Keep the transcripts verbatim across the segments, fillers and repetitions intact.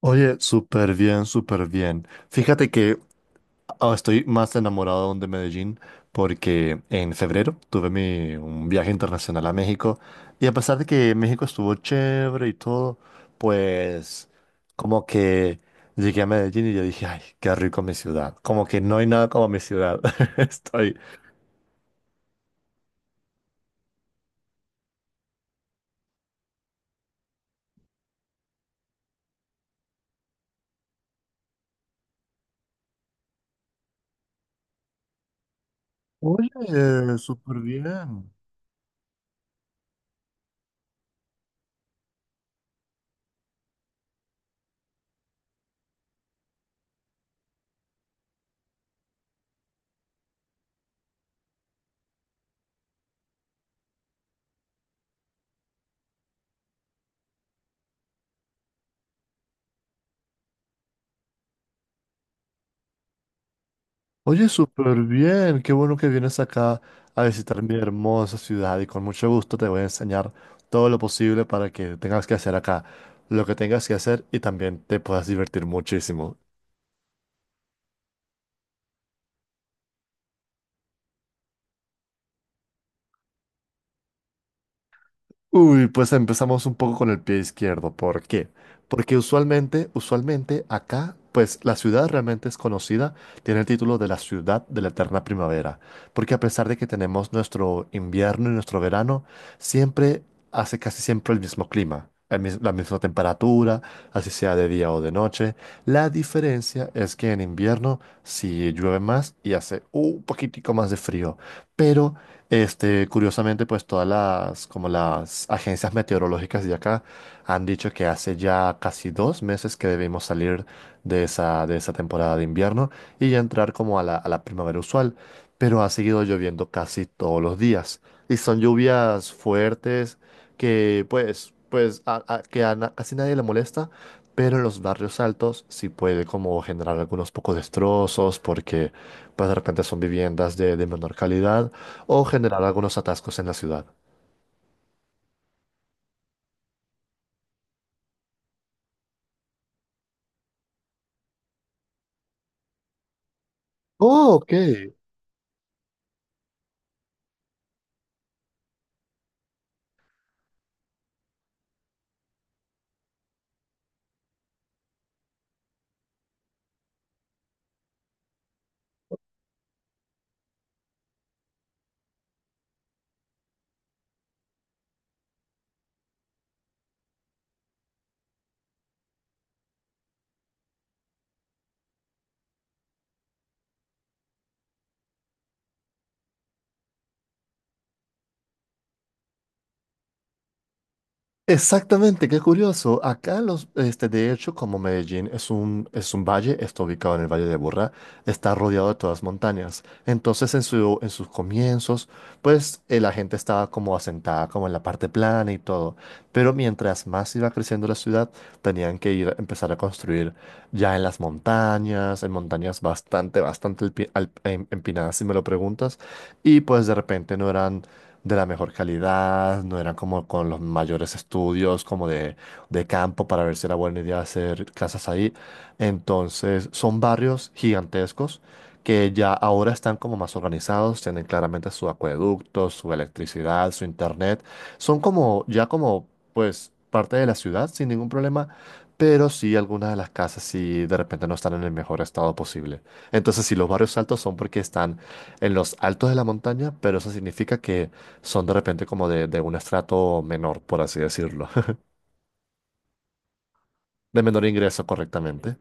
Oye, súper bien, súper bien. Fíjate que ah, estoy más enamorado aún de Medellín porque en febrero tuve mi, un viaje internacional a México, y a pesar de que México estuvo chévere y todo, pues como que llegué a Medellín y yo dije, ay, qué rico mi ciudad. Como que no hay nada como mi ciudad. Estoy... Oye, súper bien. Oye, súper bien. Qué bueno que vienes acá a visitar mi hermosa ciudad, y con mucho gusto te voy a enseñar todo lo posible para que tengas que hacer acá lo que tengas que hacer y también te puedas divertir muchísimo. Uy, pues empezamos un poco con el pie izquierdo. ¿Por qué? Porque usualmente, usualmente acá, pues la ciudad realmente es conocida, tiene el título de la ciudad de la eterna primavera, porque a pesar de que tenemos nuestro invierno y nuestro verano, siempre hace casi siempre el mismo clima, el mis- la misma temperatura, así sea de día o de noche. La diferencia es que en invierno sí llueve más y hace un poquitico más de frío, pero este, curiosamente, pues todas las, como las agencias meteorológicas de acá han dicho que hace ya casi dos meses que debemos salir de esa, de esa temporada de invierno y ya entrar como a la, a la primavera usual, pero ha seguido lloviendo casi todos los días y son lluvias fuertes que pues, pues a- a- que a na- casi nadie le molesta, pero en los barrios altos sí puede como generar algunos pocos destrozos porque pues de repente son viviendas de de menor calidad o generar algunos atascos en la ciudad. Oh, ok. Exactamente, qué curioso. Acá los, este, de hecho, como Medellín es un, es un, valle, está ubicado en el Valle de Burra, está rodeado de todas montañas. Entonces, en su, en sus comienzos, pues eh, la gente estaba como asentada, como en la parte plana y todo. Pero mientras más iba creciendo la ciudad, tenían que ir, empezar a construir ya en las montañas, en montañas bastante, bastante alpi- al- em- empinadas, si me lo preguntas. Y pues de repente no eran de la mejor calidad, no eran como con los mayores estudios, como de, de campo para ver si era buena idea hacer casas ahí. Entonces, son barrios gigantescos que ya ahora están como más organizados, tienen claramente su acueducto, su electricidad, su internet. Son como, ya como, pues, parte de la ciudad sin ningún problema, pero sí algunas de las casas sí de repente no están en el mejor estado posible. Entonces, si los barrios altos son porque están en los altos de la montaña, pero eso significa que son de repente como de, de un estrato menor, por así decirlo, de menor ingreso correctamente.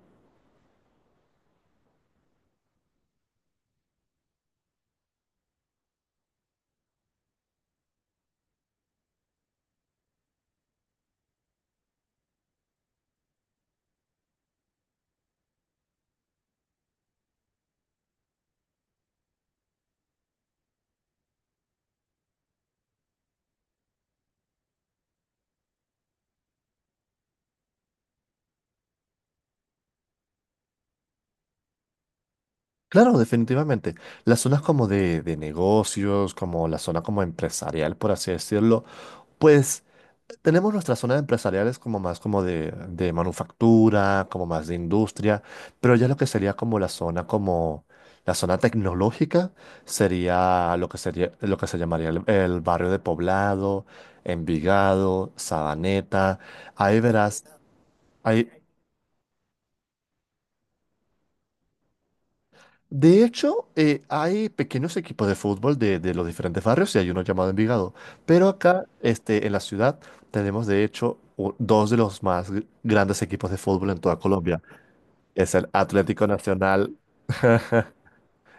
Claro, definitivamente. Las zonas como de, de negocios, como la zona como empresarial, por así decirlo, pues tenemos nuestras zonas empresariales como más como de, de manufactura, como más de industria, pero ya lo que sería como la zona como la zona tecnológica sería lo que sería lo que se llamaría el, el barrio de Poblado, Envigado, Sabaneta. Ahí verás, ahí, de hecho, eh, hay pequeños equipos de fútbol de, de los diferentes barrios y hay uno llamado Envigado. Pero acá, este, en la ciudad, tenemos de hecho u- dos de los más gr- grandes equipos de fútbol en toda Colombia. Es el Atlético Nacional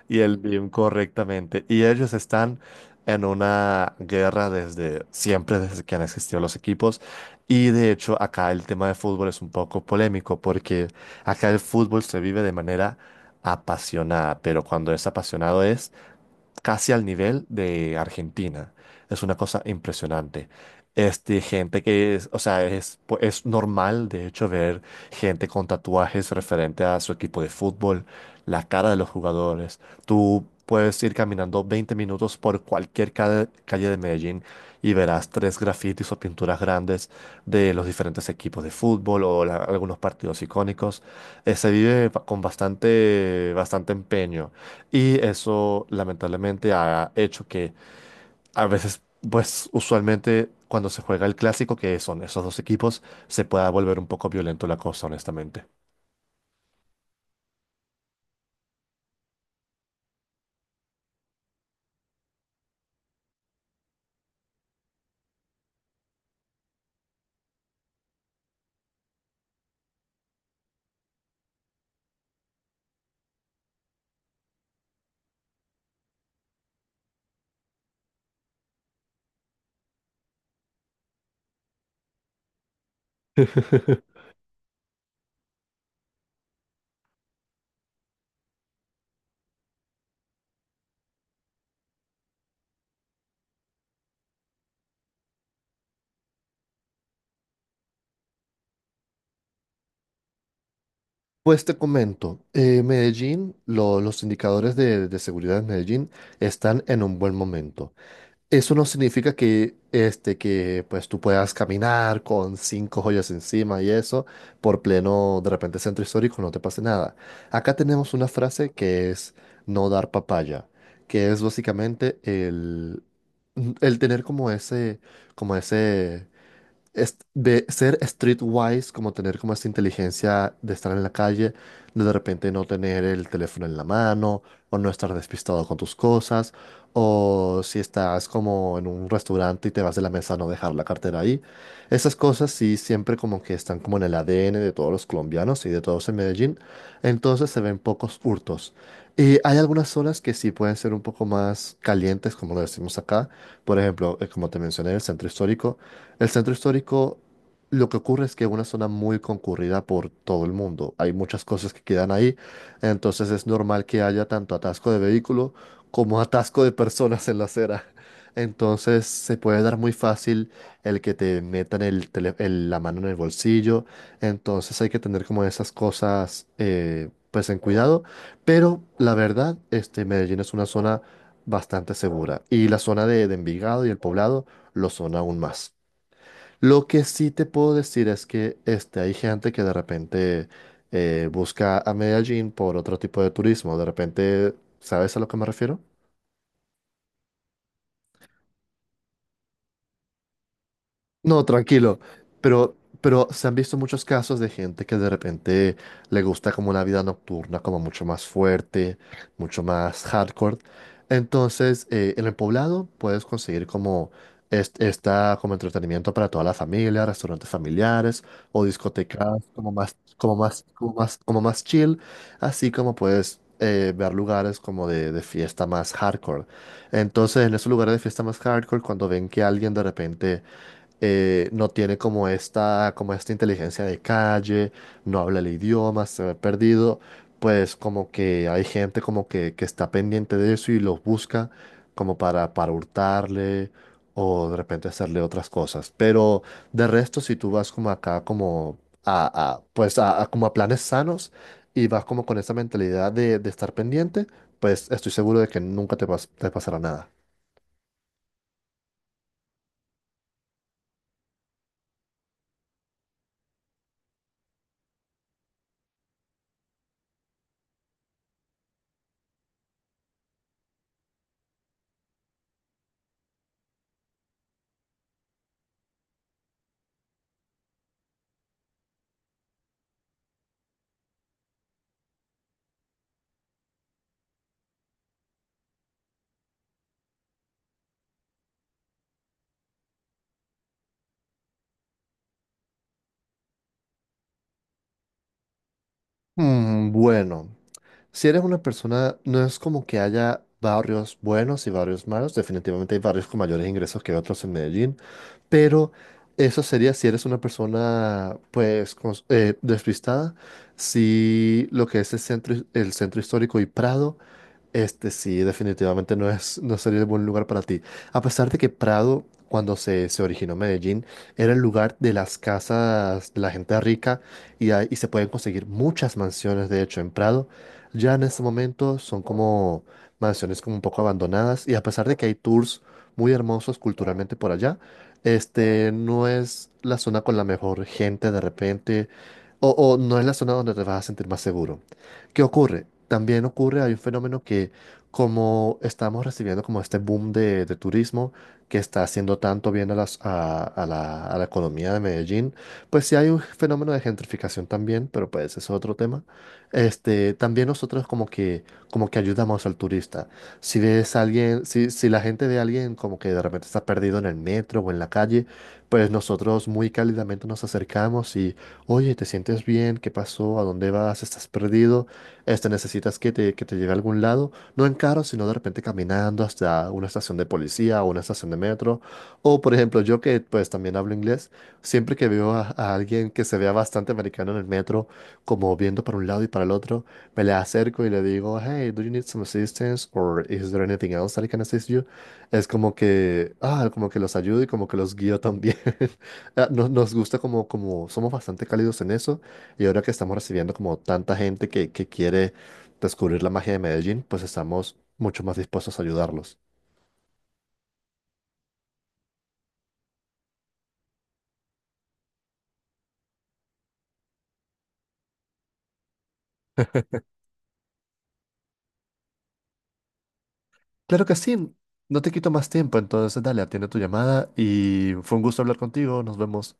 y el B I M correctamente. Y ellos están en una guerra desde siempre, desde que han existido los equipos. Y de hecho, acá el tema de fútbol es un poco polémico porque acá el fútbol se vive de manera apasionada, pero cuando es apasionado es casi al nivel de Argentina. Es una cosa impresionante. Este, gente que es, o sea, es, pu- es normal, de hecho, ver gente con tatuajes referente a su equipo de fútbol, la cara de los jugadores. Tú puedes ir caminando veinte minutos por cualquier ca- calle de Medellín y verás tres grafitis o pinturas grandes de los diferentes equipos de fútbol o la- algunos partidos icónicos. Eh, se vive ba- con bastante, bastante empeño. Y eso lamentablemente ha hecho que a veces, pues usualmente cuando se juega el clásico, que son esos dos equipos, se pueda volver un poco violento la cosa, honestamente. Pues te comento, eh, Medellín, lo- los indicadores de, de seguridad en Medellín están en un buen momento. Eso no significa que, este, que pues tú puedas caminar con cinco joyas encima y eso por pleno, de repente, centro histórico, no te pase nada. Acá tenemos una frase que es no dar papaya, que es básicamente el, el tener como ese, como ese est- de ser streetwise, como tener como esa inteligencia de estar en la calle, de de repente no tener el teléfono en la mano, o no estar despistado con tus cosas, o si estás como en un restaurante y te vas de la mesa, no dejar la cartera ahí. Esas cosas sí siempre como que están como en el A D N de todos los colombianos y de todos en Medellín, entonces se ven pocos hurtos. Y hay algunas zonas que sí pueden ser un poco más calientes, como lo decimos acá. Por ejemplo, eh, como te mencioné, el centro histórico. El centro histórico, lo que ocurre es que es una zona muy concurrida por todo el mundo. Hay muchas cosas que quedan ahí, entonces es normal que haya tanto atasco de vehículo como atasco de personas en la acera. Entonces se puede dar muy fácil el que te metan el tele- el- la mano en el bolsillo. Entonces hay que tener como esas cosas eh, pues en cuidado. Pero la verdad, este, Medellín es una zona bastante segura. Y la zona de, de Envigado y el Poblado lo son aún más. Lo que sí te puedo decir es que este, hay gente que de repente eh, busca a Medellín por otro tipo de turismo. De repente, ¿sabes a lo que me refiero? No, tranquilo. Pero, pero se han visto muchos casos de gente que de repente le gusta como una vida nocturna, como mucho más fuerte, mucho más hardcore. Entonces, eh, en el poblado puedes conseguir como est- esta como entretenimiento para toda la familia, restaurantes familiares o discotecas como más, como más, como más, como más chill, así como puedes eh, ver lugares como de, de fiesta más hardcore. Entonces, en esos lugares de fiesta más hardcore, cuando ven que alguien de repente eh, no tiene como esta, como esta inteligencia de calle, no habla el idioma, se ve perdido, pues como que hay gente como que, que está pendiente de eso y los busca como para, para hurtarle o de repente hacerle otras cosas. Pero de resto, si tú vas como acá como a, a- pues a, a como a planes sanos y vas como con esa mentalidad de, de estar pendiente, pues estoy seguro de que nunca te, pas- te pasará nada. Mm, bueno. Si eres una persona, no es como que haya barrios buenos y barrios malos, definitivamente hay barrios con mayores ingresos que otros en Medellín, pero eso sería si eres una persona pues cons- eh, despistada, si lo que es el centro, el centro histórico y Prado, este sí, definitivamente no es, no sería el buen lugar para ti. A pesar de que Prado, cuando se, se originó Medellín, era el lugar de las casas de la gente rica, y hay- y se pueden conseguir muchas mansiones, de hecho, en Prado, ya en este momento son como mansiones como un poco abandonadas, y a pesar de que hay tours muy hermosos culturalmente por allá, este no es la zona con la mejor gente de repente o, o no es la zona donde te vas a sentir más seguro. ¿Qué ocurre? También ocurre, hay un fenómeno que como estamos recibiendo como este boom de, de turismo que está haciendo tanto bien a, las, a, a la, a la economía de Medellín, pues sí hay un fenómeno de gentrificación también, pero pues eso es otro tema. Este, también nosotros como que, como que, ayudamos al turista. Si ves a alguien, si, si la gente ve a alguien como que de repente está perdido en el metro o en la calle, pues nosotros muy cálidamente nos acercamos y, oye, ¿te sientes bien? ¿Qué pasó? ¿A dónde vas? ¿Estás perdido? Este, necesitas que te, que te lleve a algún lado, no en carro, sino de repente caminando hasta una estación de policía o una estación de metro. O, por ejemplo, yo que pues también hablo inglés, siempre que veo a, a alguien que se vea bastante americano en el metro, como viendo para un lado y para el otro, me le acerco y le digo, hey, do you need some assistance? Or is there anything else that I can assist you? Es como que, ah, como que los ayudo y como que los guío también. Ah, nos, nos gusta como, como somos bastante cálidos en eso, y ahora que estamos recibiendo como tanta gente que, que quiere descubrir la magia de Medellín, pues estamos mucho más dispuestos a ayudarlos. Claro que sí, no te quito más tiempo, entonces dale, atiende tu llamada y fue un gusto hablar contigo, nos vemos.